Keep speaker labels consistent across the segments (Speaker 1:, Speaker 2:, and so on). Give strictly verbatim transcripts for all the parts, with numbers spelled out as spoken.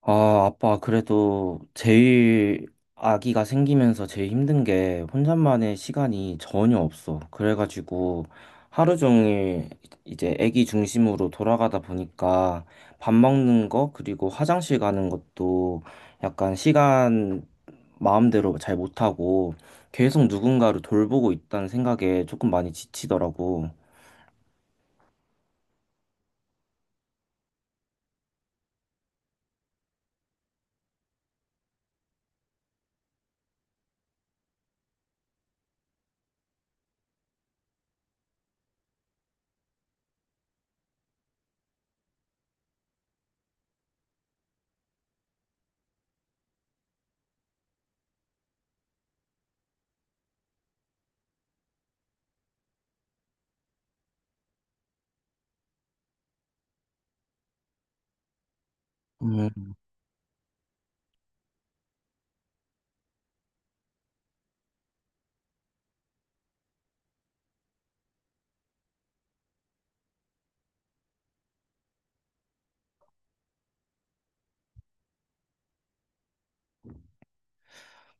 Speaker 1: 아, 아빠, 그래도 제일 아기가 생기면서 제일 힘든 게 혼자만의 시간이 전혀 없어. 그래가지고 하루 종일 이제 아기 중심으로 돌아가다 보니까 밥 먹는 거, 그리고 화장실 가는 것도 약간 시간 마음대로 잘 못하고 계속 누군가를 돌보고 있다는 생각에 조금 많이 지치더라고.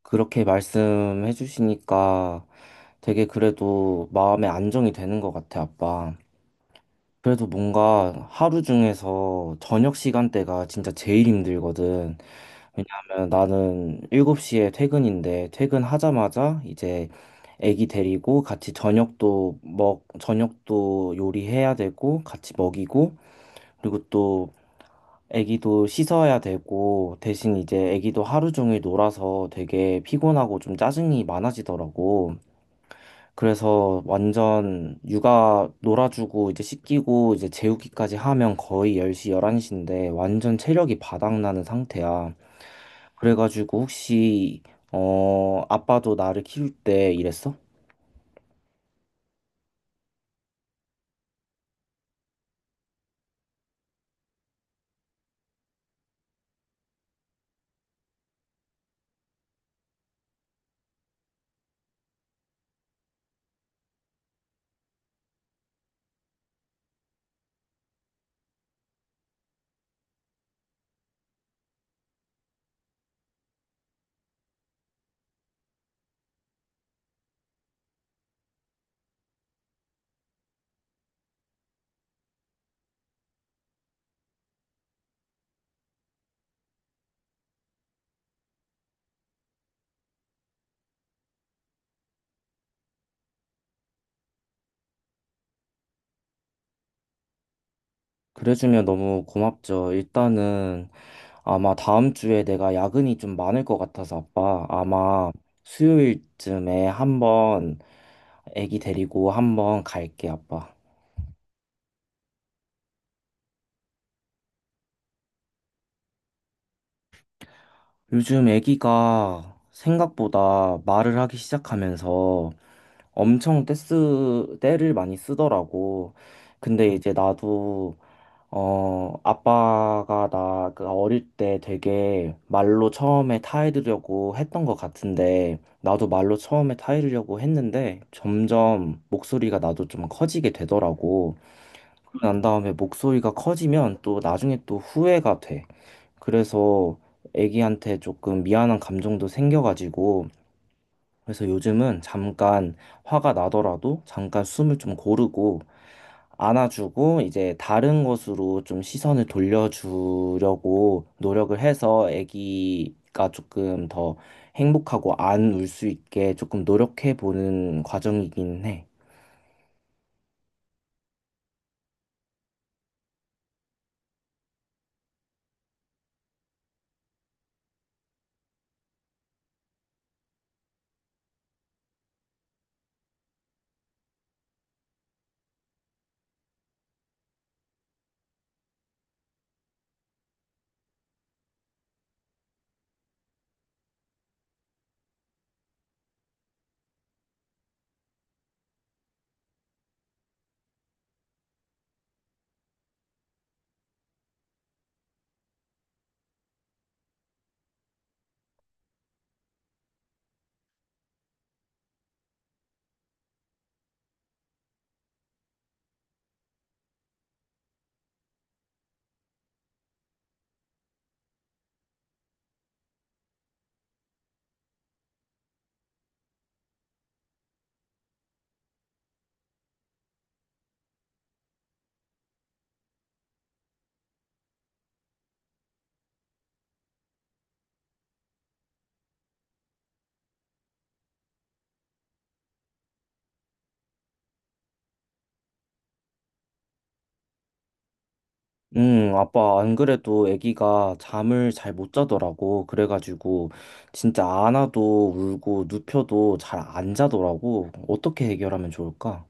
Speaker 1: 그렇게 말씀해 주시니까 되게 그래도 마음에 안정이 되는 것 같아, 아빠. 그래도 뭔가 하루 중에서 저녁 시간대가 진짜 제일 힘들거든. 왜냐하면 나는 일곱 시에 퇴근인데 퇴근하자마자 이제 애기 데리고 같이 저녁도 먹, 저녁도 요리해야 되고 같이 먹이고 그리고 또 애기도 씻어야 되고, 대신 이제 애기도 하루 종일 놀아서 되게 피곤하고 좀 짜증이 많아지더라고. 그래서 완전 육아 놀아주고 이제 씻기고 이제 재우기까지 하면 거의 열 시, 열한 시인데 완전 체력이 바닥나는 상태야. 그래가지고 혹시, 어, 아빠도 나를 키울 때 이랬어? 그래주면 너무 고맙죠. 일단은 아마 다음 주에 내가 야근이 좀 많을 것 같아서 아빠 아마 수요일쯤에 한번 애기 데리고 한번 갈게 아빠. 요즘 애기가 생각보다 말을 하기 시작하면서 엄청 떼쓰 떼를 많이 쓰더라고. 근데 이제 나도 어, 아빠가 나그 어릴 때 되게 말로 처음에 타이르려고 했던 것 같은데, 나도 말로 처음에 타이르려고 했는데, 점점 목소리가 나도 좀 커지게 되더라고. 난 다음에 목소리가 커지면 또 나중에 또 후회가 돼. 그래서 애기한테 조금 미안한 감정도 생겨가지고, 그래서 요즘은 잠깐 화가 나더라도 잠깐 숨을 좀 고르고, 안아주고 이제 다른 것으로 좀 시선을 돌려주려고 노력을 해서 아기가 조금 더 행복하고 안 울 수 있게 조금 노력해 보는 과정이긴 해. 음, 아빠 안 그래도 아기가 잠을 잘 못 자더라고. 그래가지고 진짜 안아도 울고 눕혀도 잘 안 자더라고. 어떻게 해결하면 좋을까?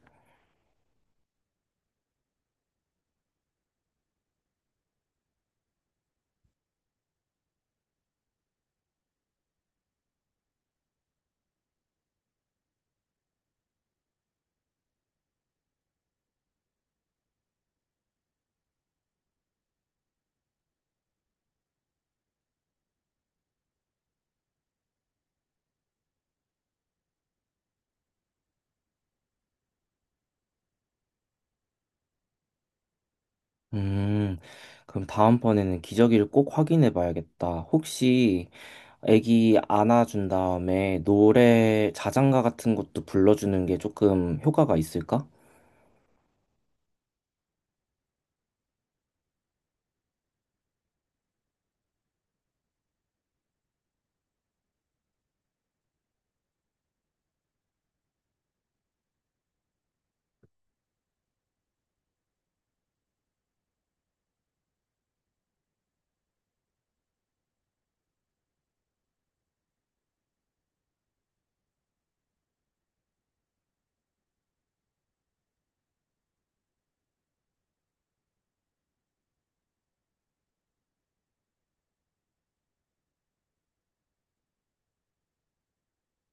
Speaker 1: 음, 그럼 다음번에는 기저귀를 꼭 확인해 봐야겠다. 혹시 애기 안아준 다음에 노래, 자장가 같은 것도 불러주는 게 조금 효과가 있을까?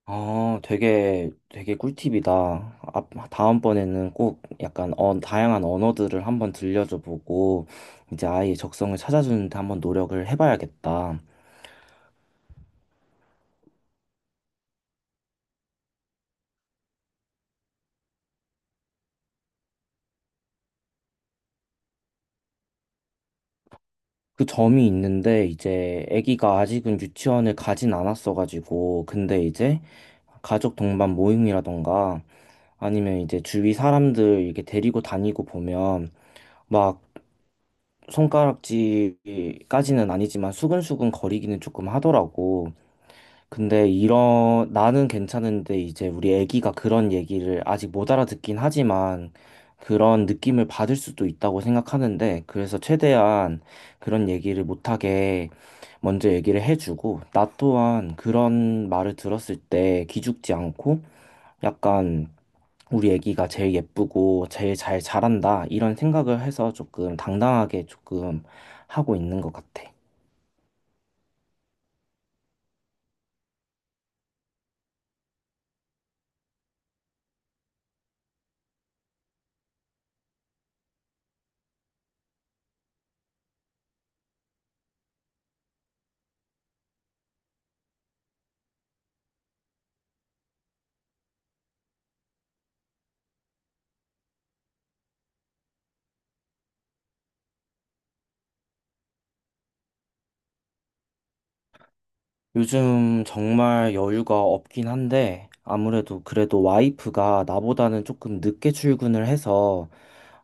Speaker 1: 아, 되게, 되게 꿀팁이다. 앞- 다음번에는 꼭 약간 어, 다양한 언어들을 한번 들려줘 보고, 이제 아이의 적성을 찾아주는데 한번 노력을 해봐야겠다. 그 점이 있는데 이제 아기가 아직은 유치원을 가진 않았어가지고 근데 이제 가족 동반 모임이라던가 아니면 이제 주위 사람들 이렇게 데리고 다니고 보면 막 손가락질까지는 아니지만 수근수근 거리기는 조금 하더라고. 근데 이런 나는 괜찮은데 이제 우리 애기가 그런 얘기를 아직 못 알아듣긴 하지만 그런 느낌을 받을 수도 있다고 생각하는데 그래서 최대한 그런 얘기를 못하게 먼저 얘기를 해주고 나 또한 그런 말을 들었을 때 기죽지 않고 약간 우리 애기가 제일 예쁘고 제일 잘 자란다 이런 생각을 해서 조금 당당하게 조금 하고 있는 것 같아. 요즘 정말 여유가 없긴 한데, 아무래도 그래도 와이프가 나보다는 조금 늦게 출근을 해서,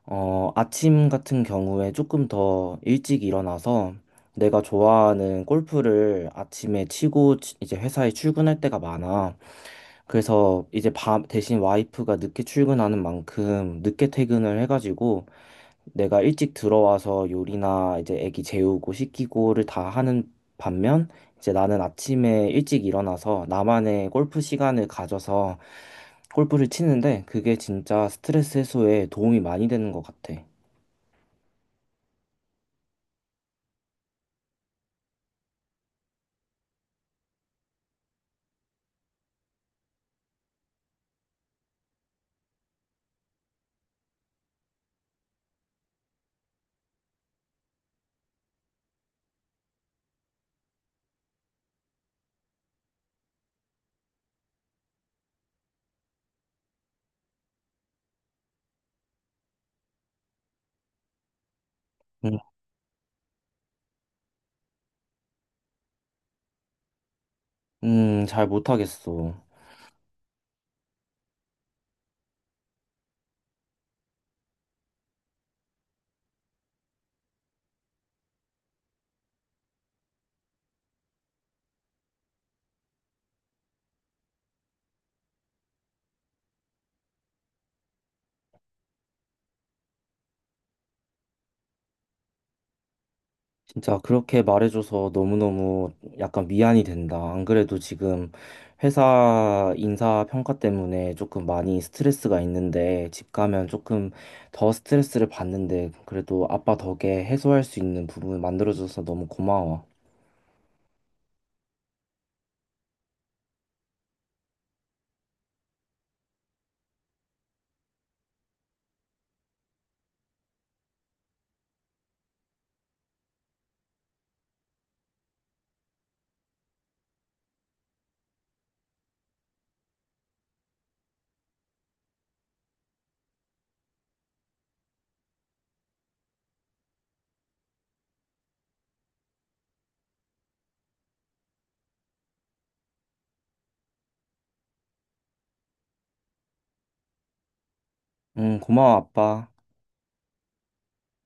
Speaker 1: 어, 아침 같은 경우에 조금 더 일찍 일어나서 내가 좋아하는 골프를 아침에 치고 치- 이제 회사에 출근할 때가 많아. 그래서 이제 밤 대신 와이프가 늦게 출근하는 만큼 늦게 퇴근을 해가지고 내가 일찍 들어와서 요리나 이제 애기 재우고 씻기고를 다 하는 반면 이제 나는 아침에 일찍 일어나서 나만의 골프 시간을 가져서 골프를 치는데 그게 진짜 스트레스 해소에 도움이 많이 되는 것 같아. 음, 음, 잘 못하겠어. 진짜 그렇게 말해줘서 너무너무 약간 미안이 된다. 안 그래도 지금 회사 인사 평가 때문에 조금 많이 스트레스가 있는데 집 가면 조금 더 스트레스를 받는데 그래도 아빠 덕에 해소할 수 있는 부분 만들어줘서 너무 고마워. 응, 고마워, 아빠.